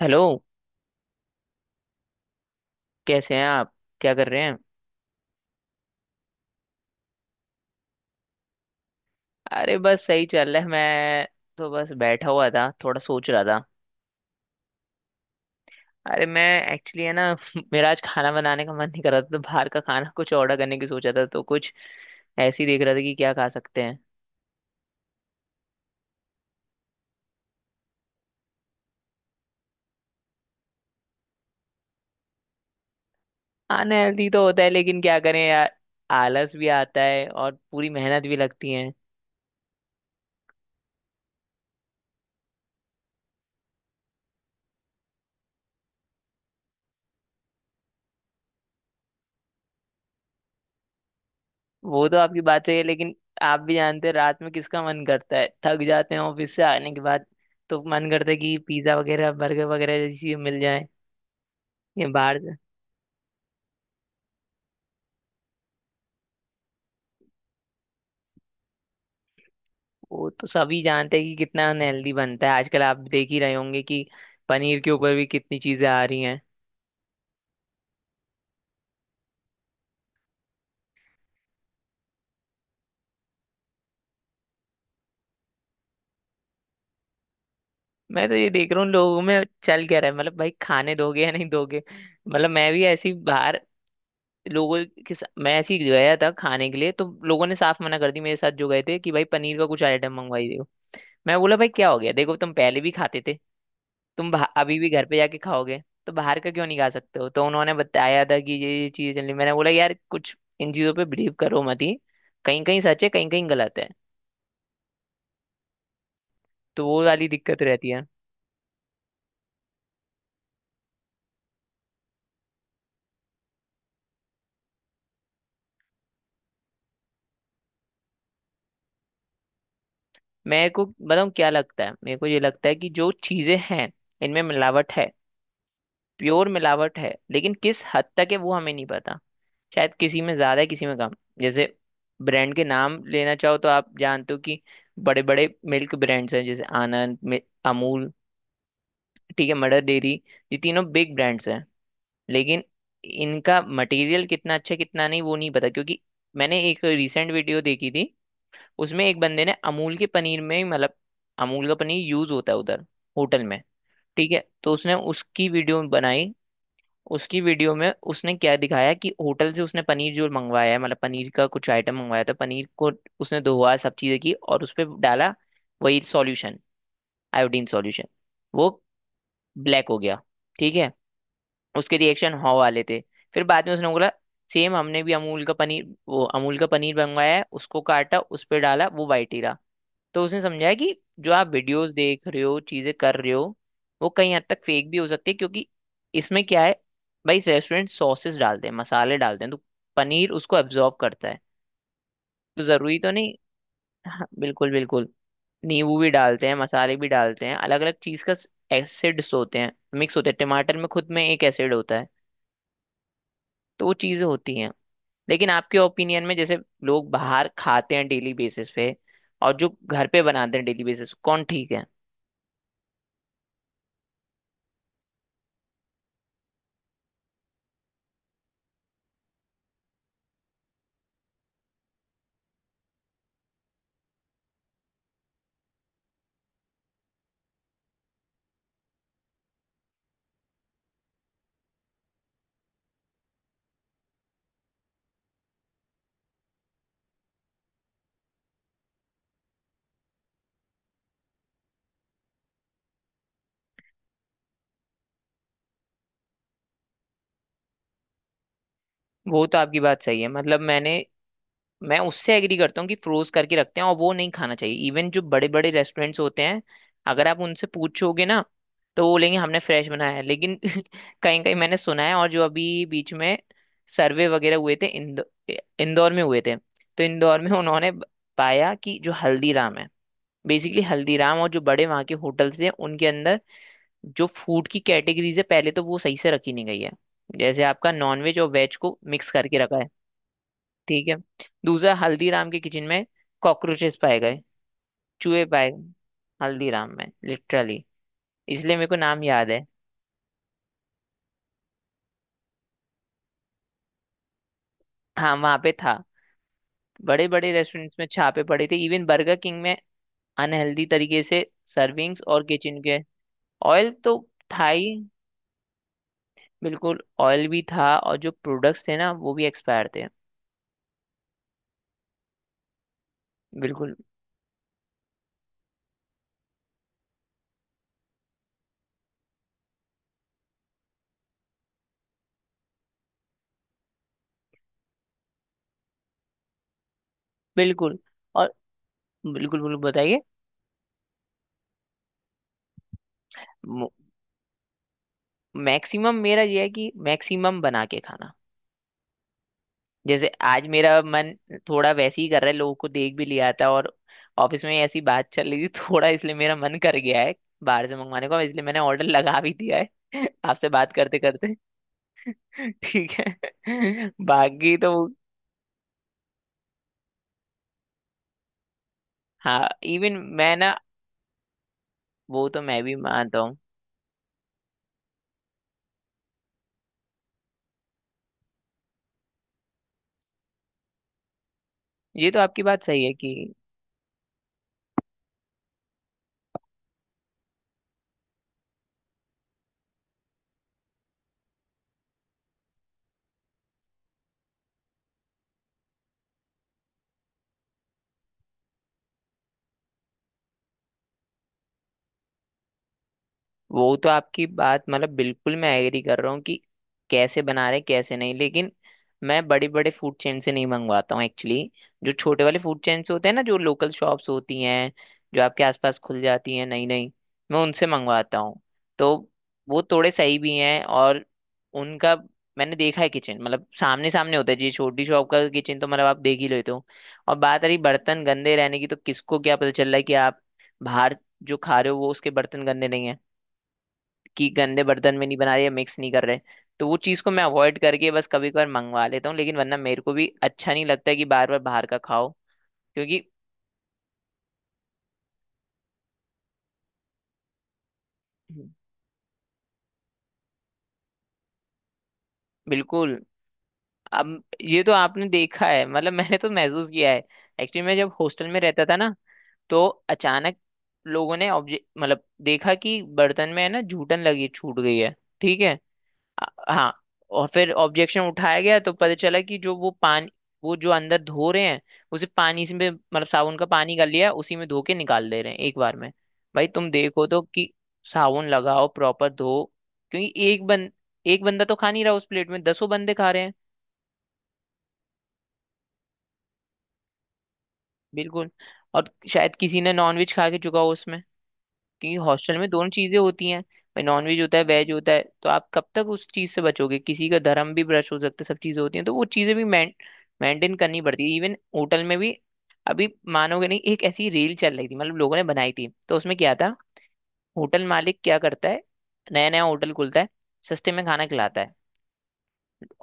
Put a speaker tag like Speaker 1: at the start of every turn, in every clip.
Speaker 1: Hello. कैसे हैं आप? क्या कर रहे हैं? अरे बस सही चल रहा है। मैं तो बस बैठा हुआ था, थोड़ा सोच रहा था। अरे मैं एक्चुअली, है ना, मेरा आज खाना बनाने का मन नहीं कर रहा था तो बाहर का खाना कुछ ऑर्डर करने की सोचा था, तो कुछ ऐसे ही देख रहा था कि क्या खा सकते हैं। अनहेल्दी तो होता है, लेकिन क्या करें यार। आलस भी आता है और पूरी मेहनत भी लगती है। वो तो आपकी बात सही है, लेकिन आप भी जानते हैं, रात में किसका मन करता है? थक जाते हैं ऑफिस से आने के बाद, तो मन करता है कि पिज्ज़ा वगैरह बर्गर वगैरह जैसी चीजें मिल जाए। ये बाहर। वो तो सभी जानते हैं कि कितना अनहेल्दी बनता है। आजकल आप देख ही रहे होंगे कि पनीर के ऊपर भी कितनी चीजें आ रही हैं। मैं तो ये देख रहा हूँ लोगों में चल क्या रहा है। मतलब भाई, खाने दोगे या नहीं दोगे? मतलब मैं भी ऐसी बाहर, लोगों मैं ऐसी गया था खाने के लिए, तो लोगों ने साफ मना कर दी, मेरे साथ जो गए थे, कि भाई पनीर का कुछ आइटम मंगवाइए। मैं बोला भाई क्या हो गया? देखो तुम पहले भी खाते थे, अभी भी घर पे जाके खाओगे। तो बाहर का क्यों नहीं खा सकते हो? तो उन्होंने बताया था कि ये चीजें चल रही। मैंने बोला यार कुछ इन चीजों पे बिलीव करो मत ही। कहीं कहीं सच है, कहीं कहीं गलत है। तो वो वाली दिक्कत रहती है। मेरे को बताऊँ क्या लगता है? मेरे को ये लगता है कि जो चीजें हैं, इनमें मिलावट है। प्योर मिलावट है, लेकिन किस हद तक है वो हमें नहीं पता। शायद किसी में ज्यादा है, किसी में कम। जैसे ब्रांड के नाम लेना चाहो तो आप जानते हो कि बड़े बड़े मिल्क ब्रांड्स हैं। जैसे अमूल, ठीक है, मदर डेयरी, ये तीनों बिग ब्रांड्स हैं। लेकिन इनका मटेरियल कितना अच्छा है, कितना नहीं, वो नहीं पता, क्योंकि मैंने एक रिसेंट वीडियो देखी थी। उसमें एक बंदे ने अमूल के पनीर में ही, मतलब अमूल का पनीर यूज होता है उधर होटल में, ठीक है। तो उसने उसकी वीडियो बनाई। उसकी वीडियो में उसने क्या दिखाया कि होटल से उसने पनीर जो मंगवाया है, मतलब पनीर का कुछ आइटम मंगवाया था, पनीर को उसने धोया सब चीजें की और उस पर डाला वही सॉल्यूशन, आयोडीन सॉल्यूशन। वो ब्लैक हो गया, ठीक है। उसके रिएक्शन हॉ वाले थे। फिर बाद में उसने बोला सेम हमने भी अमूल का पनीर वो अमूल का पनीर मंगवाया है, उसको काटा, उस पर डाला, वो वाइट ही रहा। तो उसने समझाया कि जो आप वीडियोस देख रहे हो, चीजें कर रहे हो, वो कहीं हद तक फेक भी हो सकती है, क्योंकि इसमें क्या है भाई, रेस्टोरेंट सॉसेस डालते हैं, मसाले डालते हैं, तो पनीर उसको एब्जॉर्ब करता है। तो जरूरी तो नहीं। हाँ, बिल्कुल बिल्कुल, नींबू भी डालते हैं, मसाले भी डालते हैं, अलग अलग चीज का एसिड्स होते हैं, मिक्स होते हैं, टमाटर में खुद में एक एसिड होता है। तो वो चीजें होती हैं। लेकिन आपके ओपिनियन में, जैसे लोग बाहर खाते हैं डेली बेसिस पे, और जो घर पे बनाते हैं डेली बेसिस, कौन ठीक है? वो तो आपकी बात सही है, मतलब मैं उससे एग्री करता हूँ कि फ्रोज करके रखते हैं और वो नहीं खाना चाहिए, इवन जो बड़े बड़े रेस्टोरेंट्स होते हैं। अगर आप उनसे पूछोगे ना, तो वो बोलेंगे हमने फ्रेश बनाया है, लेकिन कहीं कहीं मैंने सुना है, और जो अभी बीच में सर्वे वगैरह हुए थे, इंदौर में हुए थे। तो इंदौर में उन्होंने पाया कि जो हल्दीराम है, बेसिकली हल्दीराम और जो बड़े वहाँ के होटल्स हैं, उनके अंदर जो फूड की कैटेगरीज है, पहले तो वो सही से रखी नहीं गई है। जैसे आपका नॉनवेज और वेज को मिक्स करके रखा है, ठीक है। दूसरा, हल्दीराम के किचन में कॉकरोचेस पाए गए, चूहे पाए गए, हल्दीराम में, लिटरली इसलिए मेरे को नाम याद है। हाँ वहां पे था। बड़े बड़े रेस्टोरेंट्स में छापे पड़े थे, इवन बर्गर किंग में, अनहेल्दी तरीके से सर्विंग्स और किचन के। ऑयल तो था ही, बिल्कुल ऑयल भी था, और जो प्रोडक्ट्स थे ना वो भी एक्सपायर थे। बिल्कुल। बिल्कुल और बिल्कुल बिल्कुल बताइए। मैक्सिमम मेरा ये है कि मैक्सिमम बना के खाना। जैसे आज मेरा मन थोड़ा वैसे ही कर रहा है, लोगों को देख भी लिया था और ऑफिस में ऐसी बात चल रही थी थोड़ा इसलिए मेरा मन कर गया है बाहर से मंगवाने का, इसलिए मैंने ऑर्डर लगा भी दिया है आपसे बात करते करते। ठीक है बाकी तो। हाँ इवन मैं ना। वो तो मैं भी मानता हूँ। ये तो आपकी बात सही है कि वो तो आपकी बात, मतलब बिल्कुल मैं एग्री कर रहा हूँ कि कैसे बना रहे, कैसे नहीं, लेकिन मैं बड़े बड़े फूड चेन से नहीं मंगवाता हूँ एक्चुअली। जो छोटे वाले फूड चेन होते हैं ना, जो लोकल शॉप्स होती हैं, जो आपके आसपास खुल जाती हैं नई नई, मैं उनसे मंगवाता हूँ। तो वो थोड़े सही भी हैं, और उनका मैंने देखा है किचन, मतलब सामने सामने होता है जी, छोटी शॉप का किचन तो मतलब आप देख ही लेते हो। और बात रही बर्तन गंदे रहने की, तो किसको क्या पता चल रहा है कि आप बाहर जो खा रहे हो वो उसके बर्तन गंदे नहीं है, कि गंदे बर्तन में नहीं बना रहे या मिक्स नहीं कर रहे। तो वो चीज़ को मैं अवॉइड करके बस कभी कभार मंगवा लेता हूँ, लेकिन वरना मेरे को भी अच्छा नहीं लगता है कि बार बार बाहर का खाओ, क्योंकि बिल्कुल। अब ये तो आपने देखा है, मतलब मैंने तो महसूस किया है। एक्चुअली मैं जब हॉस्टल में रहता था ना, तो अचानक लोगों ने ऑब्जेक्ट, मतलब देखा कि बर्तन में है ना जूठन लगी छूट गई है, ठीक है। आ- हाँ, और फिर ऑब्जेक्शन उठाया गया तो पता चला कि जो वो पानी, वो जो अंदर धो रहे हैं उसे पानी से मतलब साबुन का पानी कर लिया, उसी में धो के निकाल दे रहे हैं एक बार में। भाई तुम देखो तो कि साबुन लगाओ प्रॉपर धो, क्योंकि एक बंदा तो खा नहीं रहा उस प्लेट में, दसों बंदे खा रहे हैं। बिल्कुल। और शायद किसी ने नॉनवेज खा के चुका हो उसमें, क्योंकि हॉस्टल में दोनों चीजें होती हैं भाई, नॉनवेज होता है वेज होता है, तो आप कब तक उस चीज से बचोगे? किसी का धर्म भी ब्रश हो सकता है, सब चीजें होती हैं, तो वो चीजें भी मेंटेन करनी पड़ती है, इवन होटल में भी। अभी मानोगे नहीं, एक ऐसी रील चल रही थी, मतलब लोगों ने बनाई थी, तो उसमें क्या था। होटल मालिक क्या करता है, नया नया होटल खुलता है, सस्ते में खाना खिलाता है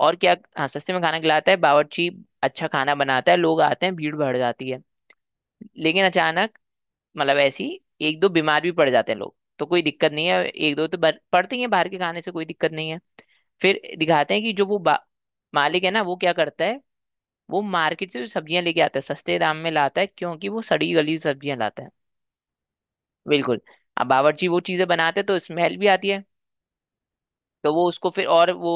Speaker 1: और क्या। हाँ, सस्ते में खाना खिलाता है, बावर्ची अच्छा खाना बनाता है, लोग आते हैं, भीड़ बढ़ जाती है। लेकिन अचानक, मतलब ऐसी एक दो बीमार भी पड़ जाते हैं लोग, तो कोई दिक्कत नहीं है, एक दो तो पड़ते ही हैं बाहर के खाने से, कोई दिक्कत नहीं है। फिर दिखाते हैं कि जो वो मालिक है ना, वो क्या करता है, वो मार्केट से जो सब्जियां लेके आता है, सस्ते दाम में लाता है, क्योंकि वो सड़ी गली सब्जियां लाता है। बिल्कुल। अब बावर्ची वो चीजें बनाते हैं तो स्मेल भी आती है, तो वो उसको फिर, और वो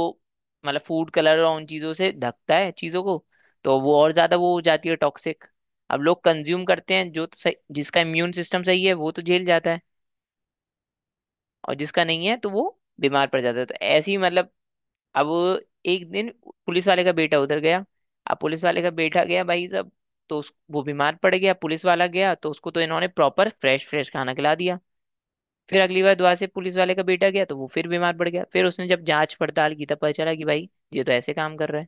Speaker 1: मतलब फूड कलर और उन चीजों से ढकता है चीजों को, तो वो और ज्यादा वो हो जाती है टॉक्सिक। अब लोग कंज्यूम करते हैं, जो तो सही, जिसका इम्यून सिस्टम सही है वो तो झेल जाता है, और जिसका नहीं है तो वो बीमार पड़ जाता है, तो ऐसे ही मतलब। अब एक दिन पुलिस वाले का बेटा उधर गया। अब पुलिस वाले का बेटा गया भाई साहब, तो उस वो बीमार पड़ गया, पुलिस वाला गया तो उसको तो इन्होंने प्रॉपर फ्रेश फ्रेश खाना खिला दिया। फिर अगली बार दोबारा से पुलिस वाले का बेटा गया तो वो फिर बीमार पड़ गया। फिर उसने जब जांच पड़ताल की तब पता चला कि भाई ये तो ऐसे काम कर रहा है।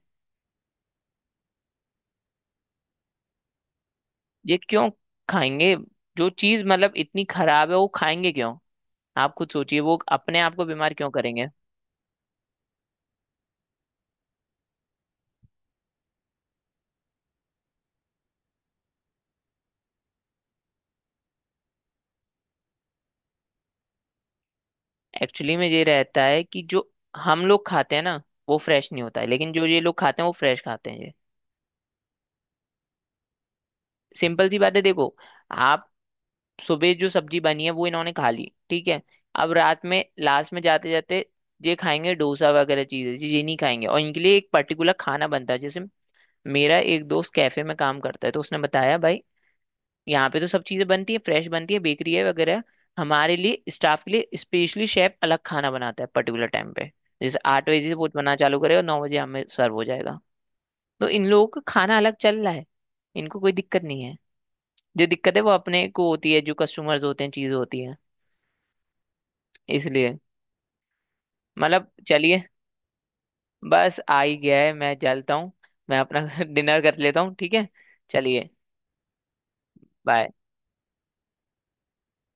Speaker 1: ये क्यों खाएंगे? जो चीज मतलब इतनी खराब है, वो खाएंगे क्यों? आप खुद सोचिए, वो अपने आप को बीमार क्यों करेंगे? एक्चुअली में ये रहता है कि जो हम लोग खाते हैं ना, वो फ्रेश नहीं होता है, लेकिन जो ये लोग खाते हैं वो फ्रेश खाते हैं, ये सिंपल सी बात है देखो। आप सुबह जो सब्जी बनी है वो इन्होंने खा ली, ठीक है, अब रात में लास्ट में जाते जाते ये खाएंगे, डोसा वगैरह चीजें ये नहीं खाएंगे, और इनके लिए एक पर्टिकुलर खाना बनता है। जैसे मेरा एक दोस्त कैफे में काम करता है तो उसने बताया भाई, यहाँ पे तो सब चीजें बनती है, फ्रेश बनती है, बेकरी है वगैरह। हमारे लिए, स्टाफ के लिए, स्पेशली शेफ अलग खाना बनाता है पर्टिकुलर टाइम पे, जैसे 8 बजे से वो बनाना चालू करेगा, 9 बजे हमें सर्व हो जाएगा। तो इन लोगों का खाना अलग चल रहा है, इनको कोई दिक्कत नहीं है, जो दिक्कत है वो अपने को होती है, जो कस्टमर्स होते हैं चीज होती है, इसलिए मतलब चलिए। बस आ ही गया है, मैं चलता हूँ, मैं अपना डिनर कर लेता हूँ, ठीक है, चलिए, बाय।